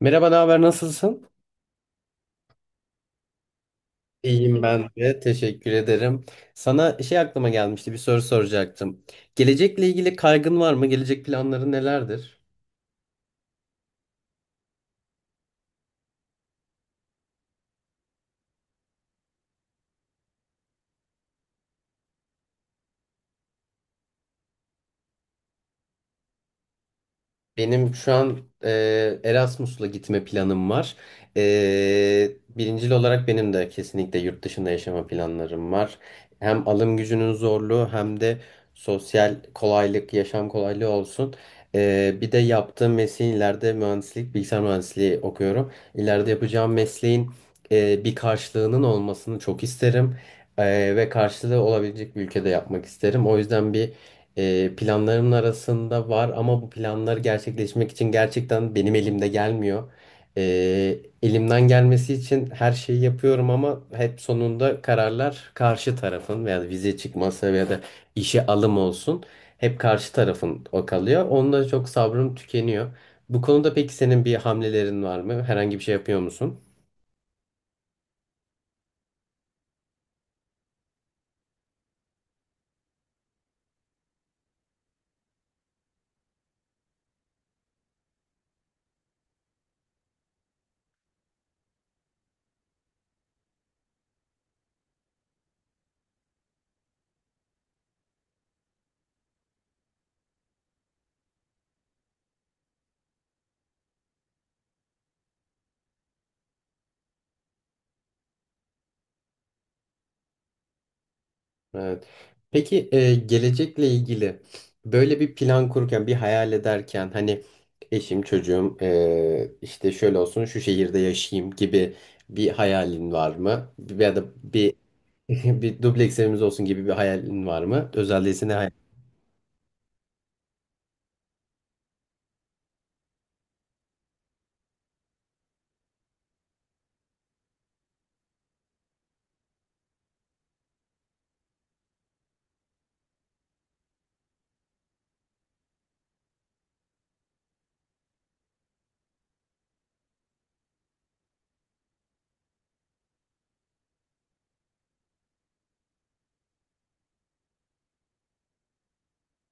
Merhaba, ne haber, nasılsın? İyiyim ben de. Teşekkür ederim. Sana şey aklıma gelmişti, bir soru soracaktım. Gelecekle ilgili kaygın var mı? Gelecek planları nelerdir? Benim şu an Erasmus'la gitme planım var. Birincil olarak benim de kesinlikle yurt dışında yaşama planlarım var. Hem alım gücünün zorluğu hem de sosyal kolaylık, yaşam kolaylığı olsun. Bir de yaptığım mesleğin ileride mühendislik, bilgisayar mühendisliği okuyorum. İleride yapacağım mesleğin bir karşılığının olmasını çok isterim. Ve karşılığı olabilecek bir ülkede yapmak isterim. O yüzden planlarımın arasında var ama bu planlar gerçekleşmek için gerçekten benim elimde gelmiyor. E, Elimden gelmesi için her şeyi yapıyorum ama hep sonunda kararlar karşı tarafın veya vize çıkması veya da işe alım olsun hep karşı tarafın o kalıyor. Onda çok sabrım tükeniyor. Bu konuda peki senin bir hamlelerin var mı? Herhangi bir şey yapıyor musun? Evet. Peki gelecekle ilgili böyle bir plan kururken, bir hayal ederken hani eşim, çocuğum işte şöyle olsun, şu şehirde yaşayayım gibi bir hayalin var mı? Ya da bir bir dubleks evimiz olsun gibi bir hayalin var mı? Özel değilse ne.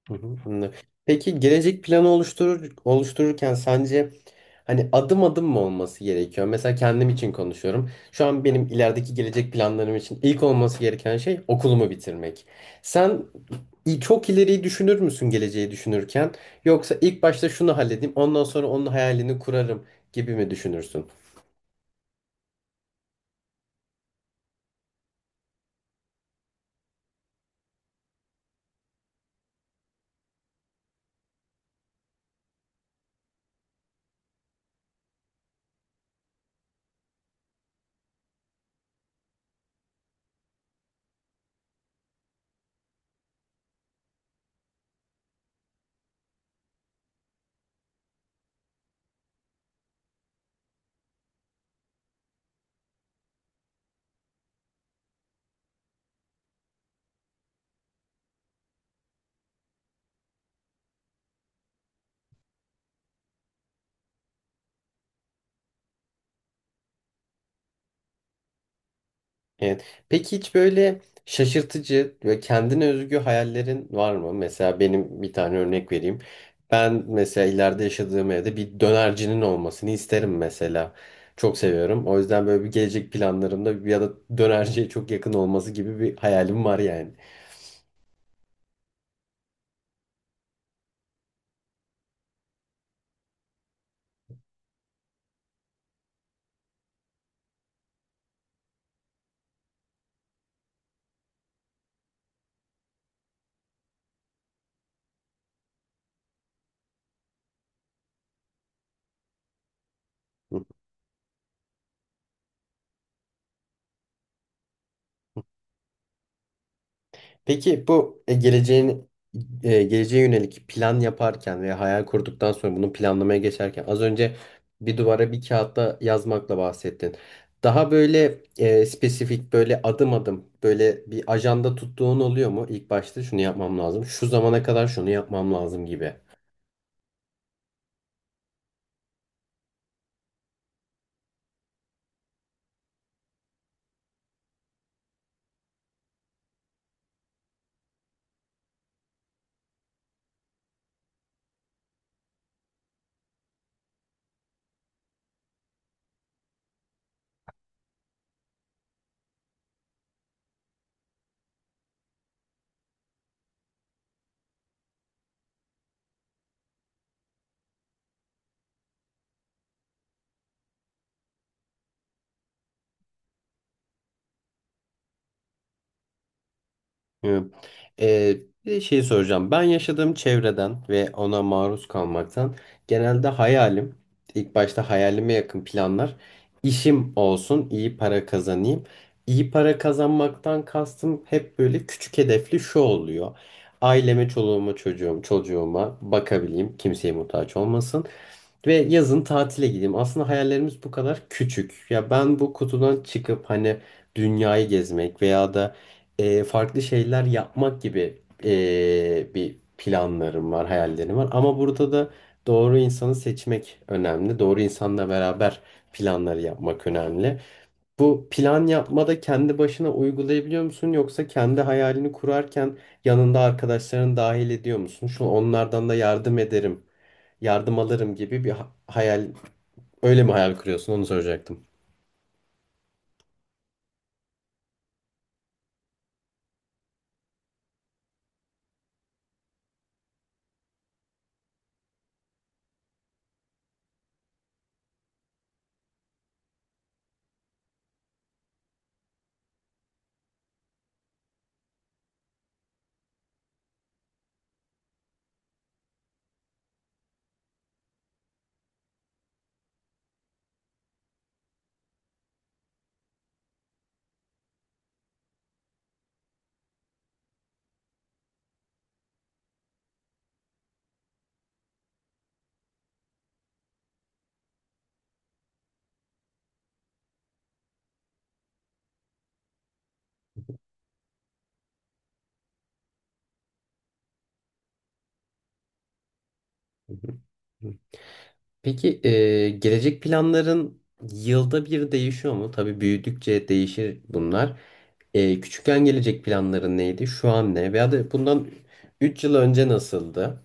Hı hı, anladım. Peki gelecek planı oluşturur, oluştururken sence hani adım adım mı olması gerekiyor? Mesela kendim için konuşuyorum. Şu an benim ilerideki gelecek planlarım için ilk olması gereken şey okulumu bitirmek. Sen çok ileriyi düşünür müsün geleceği düşünürken? Yoksa ilk başta şunu halledeyim, ondan sonra onun hayalini kurarım gibi mi düşünürsün? Evet. Peki hiç böyle şaşırtıcı ve kendine özgü hayallerin var mı? Mesela benim bir tane örnek vereyim. Ben mesela ileride yaşadığım evde bir dönercinin olmasını isterim mesela. Çok seviyorum. O yüzden böyle bir gelecek planlarımda ya da dönerciye çok yakın olması gibi bir hayalim var yani. Peki bu geleceğe yönelik plan yaparken veya hayal kurduktan sonra bunu planlamaya geçerken az önce bir duvara bir kağıtta yazmakla bahsettin. Daha böyle spesifik böyle adım adım böyle bir ajanda tuttuğun oluyor mu? İlk başta şunu yapmam lazım. Şu zamana kadar şunu yapmam lazım gibi. Evet. Ee, bir de şey soracağım. Ben yaşadığım çevreden ve ona maruz kalmaktan genelde hayalim, ilk başta hayalime yakın planlar, işim olsun, iyi para kazanayım. İyi para kazanmaktan kastım hep böyle küçük hedefli şu oluyor. Aileme, çocuğuma bakabileyim, kimseye muhtaç olmasın. Ve yazın tatile gideyim. Aslında hayallerimiz bu kadar küçük. Ya ben bu kutudan çıkıp hani dünyayı gezmek veya da farklı şeyler yapmak gibi bir planlarım var, hayallerim var. Ama burada da doğru insanı seçmek önemli. Doğru insanla beraber planları yapmak önemli. Bu plan yapmada kendi başına uygulayabiliyor musun yoksa kendi hayalini kurarken yanında arkadaşlarını dahil ediyor musun? Şu onlardan da yardım alırım gibi bir hayal, öyle mi hayal kuruyorsun? Onu soracaktım. Hı hı. Hı. Peki gelecek planların yılda bir değişiyor mu? Tabii büyüdükçe değişir bunlar. Küçükken gelecek planların neydi? Şu an ne? Veya da bundan 3 yıl önce nasıldı?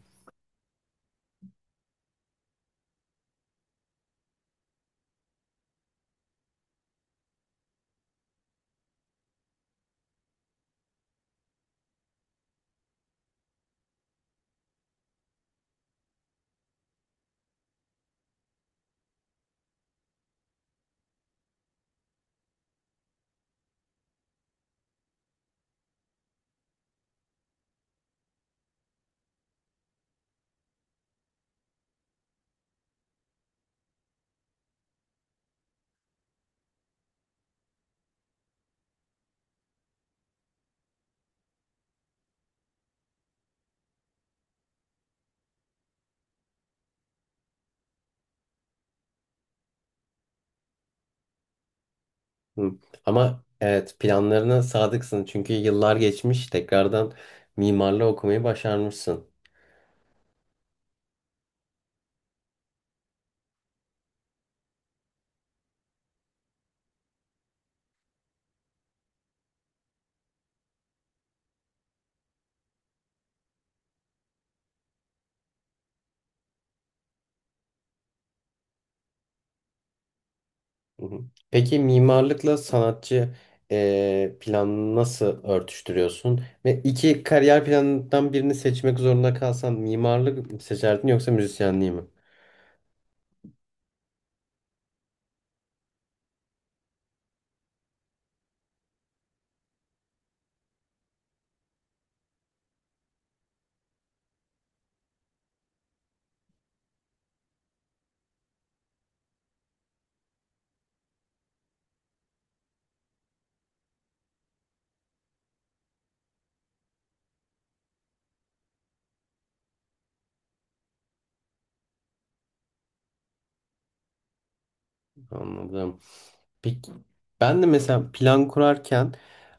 Hı. Ama evet planlarına sadıksın çünkü yıllar geçmiş tekrardan mimarlığı okumayı başarmışsın. Hı hı. Peki mimarlıkla sanatçı planını nasıl örtüştürüyorsun? Ve iki kariyer planından birini seçmek zorunda kalsan mimarlık mı seçerdin yoksa müzisyenliği mi? Anladım. Peki ben de mesela plan kurarken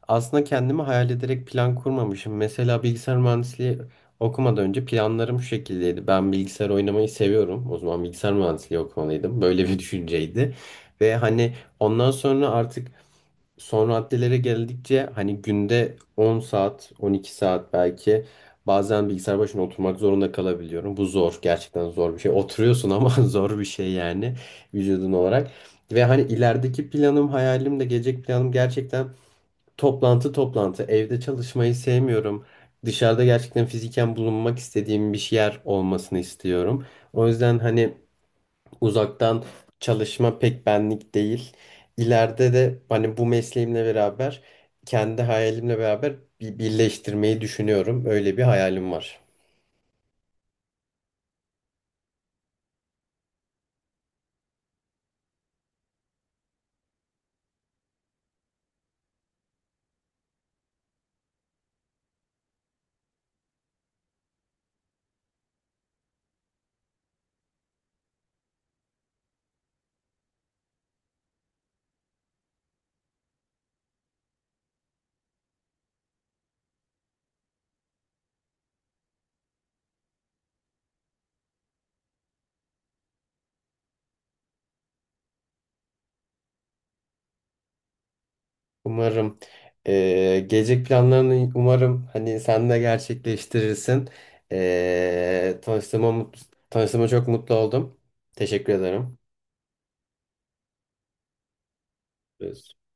aslında kendimi hayal ederek plan kurmamışım. Mesela bilgisayar mühendisliği okumadan önce planlarım şu şekildeydi. Ben bilgisayar oynamayı seviyorum. O zaman bilgisayar mühendisliği okumalıydım. Böyle bir düşünceydi. Ve hani ondan sonra artık son raddelere geldikçe hani günde 10 saat, 12 saat belki bazen bilgisayar başına oturmak zorunda kalabiliyorum. Bu zor, gerçekten zor bir şey. Oturuyorsun ama zor bir şey yani vücudun olarak. Ve hani ilerideki planım, hayalim de gelecek planım gerçekten toplantı toplantı. Evde çalışmayı sevmiyorum. Dışarıda gerçekten fiziken bulunmak istediğim bir yer olmasını istiyorum. O yüzden hani uzaktan çalışma pek benlik değil. İleride de hani bu mesleğimle beraber kendi hayalimle beraber bir birleştirmeyi düşünüyorum. Öyle bir hayalim var. Umarım gelecek planlarını umarım hani sen de gerçekleştirirsin. Eee tanıştığıma, mut- Tanıştığıma çok mutlu oldum. Teşekkür ederim. Görüşürüz.